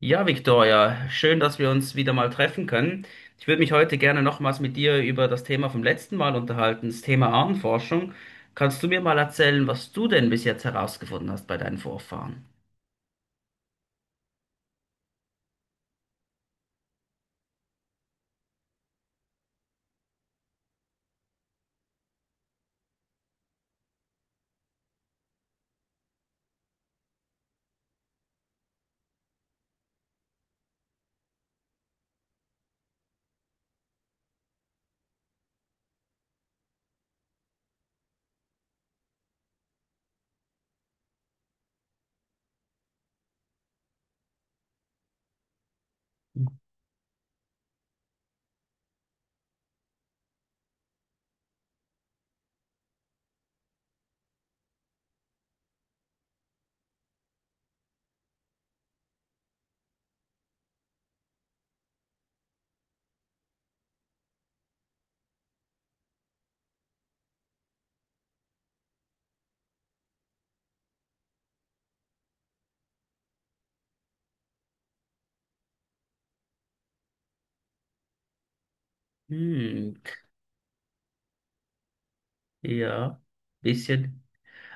Ja, Victoria, schön, dass wir uns wieder mal treffen können. Ich würde mich heute gerne nochmals mit dir über das Thema vom letzten Mal unterhalten, das Thema Ahnenforschung. Kannst du mir mal erzählen, was du denn bis jetzt herausgefunden hast bei deinen Vorfahren? Hm, ja, bisschen.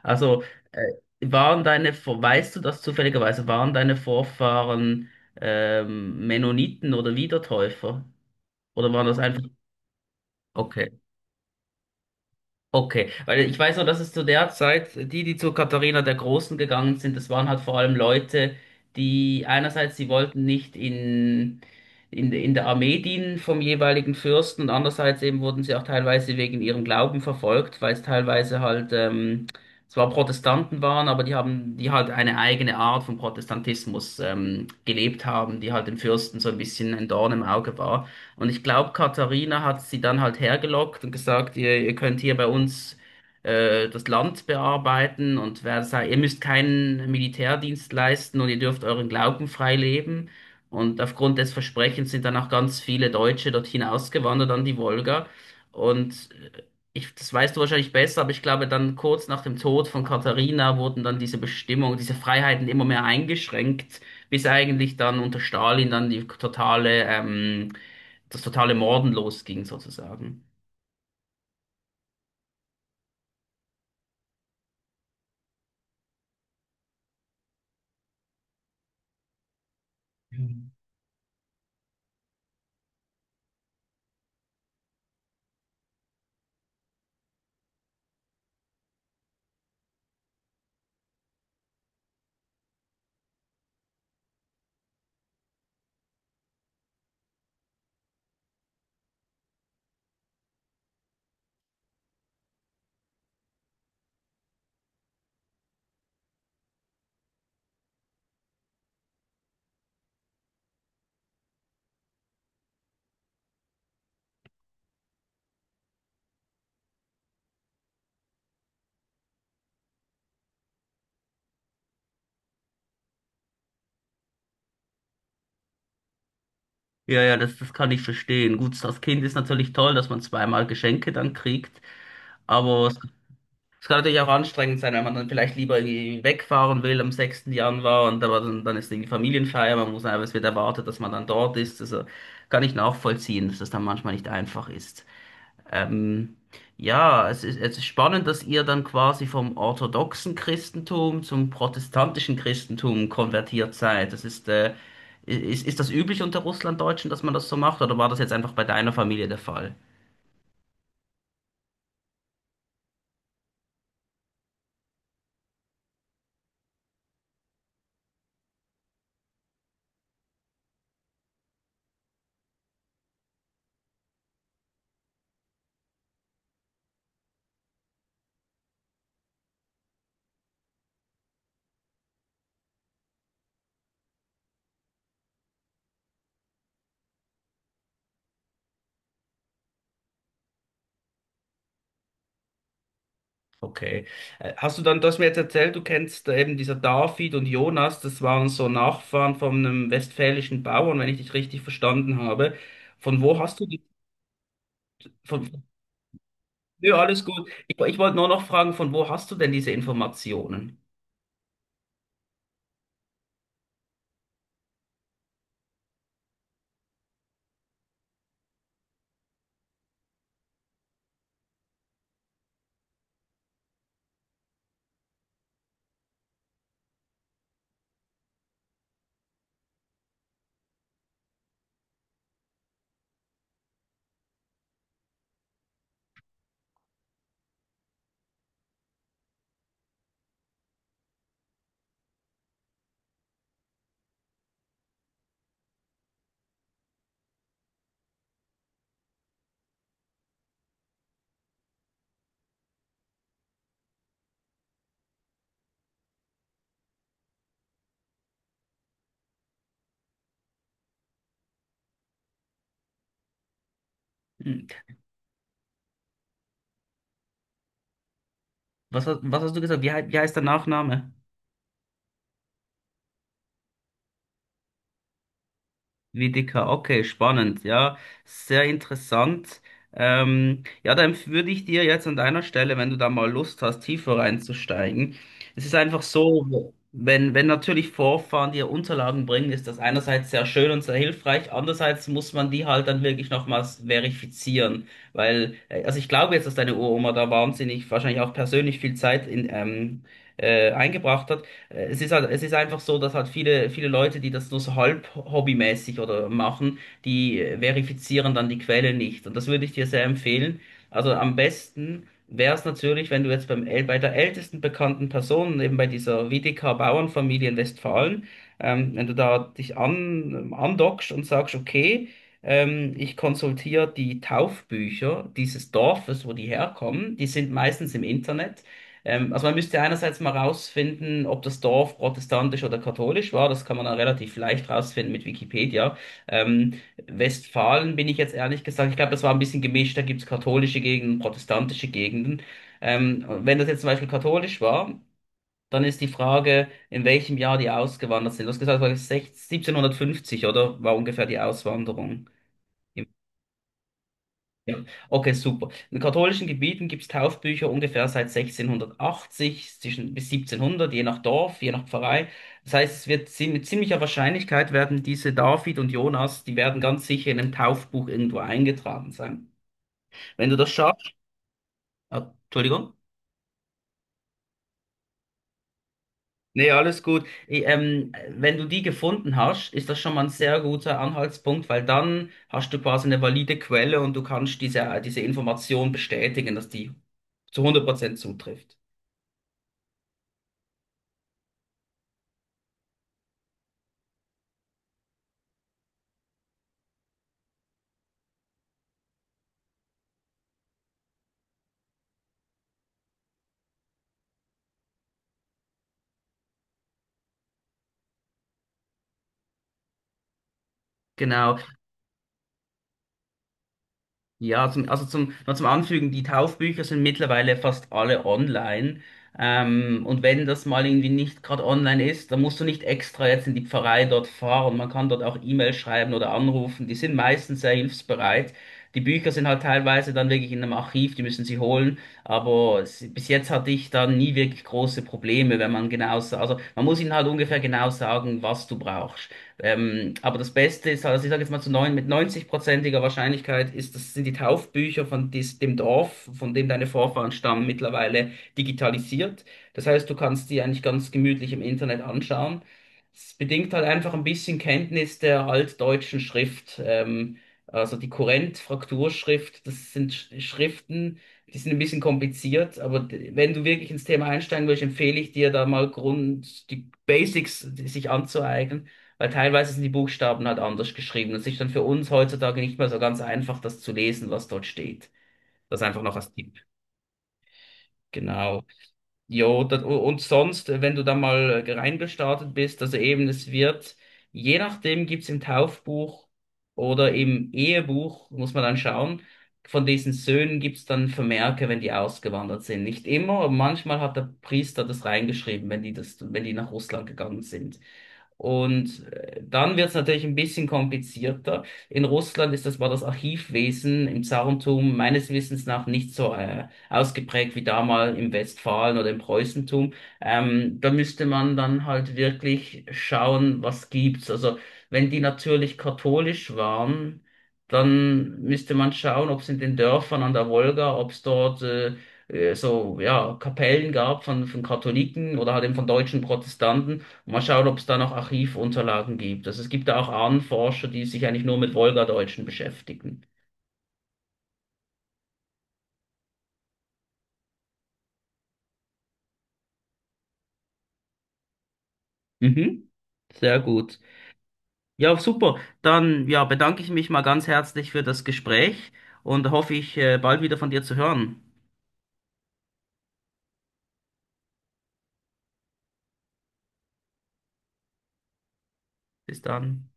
Also, äh, waren deine, weißt du das zufälligerweise, waren deine Vorfahren Mennoniten oder Wiedertäufer? Oder waren das einfach. Okay. Okay, weil ich weiß noch, dass es zu der Zeit, die, die zu Katharina der Großen gegangen sind, das waren halt vor allem Leute, die einerseits, sie wollten nicht in, in der Armee dienen vom jeweiligen Fürsten, und andererseits eben wurden sie auch teilweise wegen ihrem Glauben verfolgt, weil es teilweise halt zwar Protestanten waren, aber die haben, die halt eine eigene Art von Protestantismus gelebt haben, die halt dem Fürsten so ein bisschen ein Dorn im Auge war. Und ich glaube, Katharina hat sie dann halt hergelockt und gesagt, ihr könnt hier bei uns das Land bearbeiten und ihr müsst keinen Militärdienst leisten und ihr dürft euren Glauben frei leben. Und aufgrund des Versprechens sind dann auch ganz viele Deutsche dorthin ausgewandert an die Wolga. Und das weißt du wahrscheinlich besser, aber ich glaube, dann kurz nach dem Tod von Katharina wurden dann diese Bestimmungen, diese Freiheiten immer mehr eingeschränkt, bis eigentlich dann unter Stalin dann die totale das totale Morden losging, sozusagen. Mhm. Ja, ja, das kann ich verstehen. Gut, das Kind ist natürlich toll, dass man zweimal Geschenke dann kriegt, aber es kann natürlich auch anstrengend sein, wenn man dann vielleicht lieber irgendwie wegfahren will am 6. Januar, und aber dann ist irgendwie Familienfeier, man muss einfach, es wird erwartet, dass man dann dort ist. Also kann ich nachvollziehen, dass das dann manchmal nicht einfach ist. Ähm, ja, es ist spannend, dass ihr dann quasi vom orthodoxen Christentum zum protestantischen Christentum konvertiert seid. Ist das üblich unter Russlanddeutschen, dass man das so macht, oder war das jetzt einfach bei deiner Familie der Fall? Okay. Hast du dann, du hast mir jetzt erzählt, du kennst eben dieser David und Jonas, das waren so Nachfahren von einem westfälischen Bauern, wenn ich dich richtig verstanden habe. Von wo hast du die, von. Nö, alles gut. Ich wollte nur noch fragen, von wo hast du denn diese Informationen? Was hast du gesagt? Wie heißt der Nachname? Wiedeker. Okay, spannend. Ja, sehr interessant. Ja, dann würde ich dir jetzt an deiner Stelle, wenn du da mal Lust hast, tiefer reinzusteigen. Es ist einfach so, wenn natürlich Vorfahren dir Unterlagen bringen, ist das einerseits sehr schön und sehr hilfreich, andererseits muss man die halt dann wirklich nochmals verifizieren. Weil, also ich glaube jetzt, dass deine Uroma da wahnsinnig, wahrscheinlich auch persönlich viel Zeit in, eingebracht hat. Es ist halt, es ist einfach so, dass halt viele, viele Leute, die das nur so halb hobbymäßig oder machen, die verifizieren dann die Quelle nicht. Und das würde ich dir sehr empfehlen. Also am besten wäre es natürlich, wenn du jetzt bei der ältesten bekannten Person, eben bei dieser WDK-Bauernfamilie in Westfalen, wenn du da dich andockst und sagst: Okay, ich konsultiere die Taufbücher dieses Dorfes, wo die herkommen. Die sind meistens im Internet. Also man müsste einerseits mal rausfinden, ob das Dorf protestantisch oder katholisch war. Das kann man dann relativ leicht rausfinden mit Wikipedia. Ähm, Westfalen bin ich jetzt ehrlich gesagt, ich glaube, das war ein bisschen gemischt. Da gibt's katholische Gegenden, protestantische Gegenden. Und wenn das jetzt zum Beispiel katholisch war, dann ist die Frage, in welchem Jahr die ausgewandert sind. Du hast gesagt, es war 16 1750, oder? War ungefähr die Auswanderung. Ja, okay, super. In katholischen Gebieten gibt es Taufbücher ungefähr seit 1680 zwischen, bis 1700, je nach Dorf, je nach Pfarrei. Das heißt, es wird mit ziemlicher Wahrscheinlichkeit werden diese David und Jonas, die werden ganz sicher in einem Taufbuch irgendwo eingetragen sein. Wenn du das schaffst, ah, Entschuldigung. Nee, alles gut. Wenn du die gefunden hast, ist das schon mal ein sehr guter Anhaltspunkt, weil dann hast du quasi eine valide Quelle und du kannst diese, diese Information bestätigen, dass die zu 100% zutrifft. Genau, ja, zum, also zum, noch zum Anfügen, die Taufbücher sind mittlerweile fast alle online. Und wenn das mal irgendwie nicht gerade online ist, dann musst du nicht extra jetzt in die Pfarrei dort fahren. Man kann dort auch E-Mail schreiben oder anrufen. Die sind meistens sehr hilfsbereit. Die Bücher sind halt teilweise dann wirklich in einem Archiv, die müssen sie holen. Aber es, bis jetzt hatte ich da nie wirklich große Probleme, wenn man genau, sa- also man muss ihnen halt ungefähr genau sagen, was du brauchst. Aber das Beste ist, also ich sage jetzt mal mit 90-prozentiger Wahrscheinlichkeit ist, das sind die Taufbücher von dem Dorf, von dem deine Vorfahren stammen, mittlerweile digitalisiert. Das heißt, du kannst die eigentlich ganz gemütlich im Internet anschauen. Es bedingt halt einfach ein bisschen Kenntnis der altdeutschen Schrift, also die Kurrent-Frakturschrift. Das sind Schriften, die sind ein bisschen kompliziert, aber wenn du wirklich ins Thema einsteigen willst, empfehle ich dir da mal Grund, die Basics sich anzueignen. Weil teilweise sind die Buchstaben halt anders geschrieben. Es ist dann für uns heutzutage nicht mehr so ganz einfach, das zu lesen, was dort steht. Das einfach noch als Tipp. Genau. Jo, das, und sonst, wenn du da mal reingestartet bist, also eben, es wird, je nachdem gibt's im Taufbuch oder im Ehebuch, muss man dann schauen, von diesen Söhnen gibt's dann Vermerke, wenn die ausgewandert sind. Nicht immer, aber manchmal hat der Priester das reingeschrieben, wenn die das, wenn die nach Russland gegangen sind. Und dann wird es natürlich ein bisschen komplizierter. In Russland ist das, war das Archivwesen im Zarentum meines Wissens nach nicht so ausgeprägt wie damals im Westfalen oder im Preußentum. Da müsste man dann halt wirklich schauen, was gibt's. Also wenn die natürlich katholisch waren, dann müsste man schauen, ob es in den Dörfern an der Wolga, ob es dort so ja Kapellen gab von, Katholiken oder halt eben von deutschen Protestanten. Mal schauen, ob es da noch Archivunterlagen gibt. Also es gibt da auch Ahnenforscher, die sich eigentlich nur mit Wolgadeutschen beschäftigen. Mhm. Sehr gut. Ja, super. Dann ja, bedanke ich mich mal ganz herzlich für das Gespräch und hoffe ich, bald wieder von dir zu hören. Bis dann.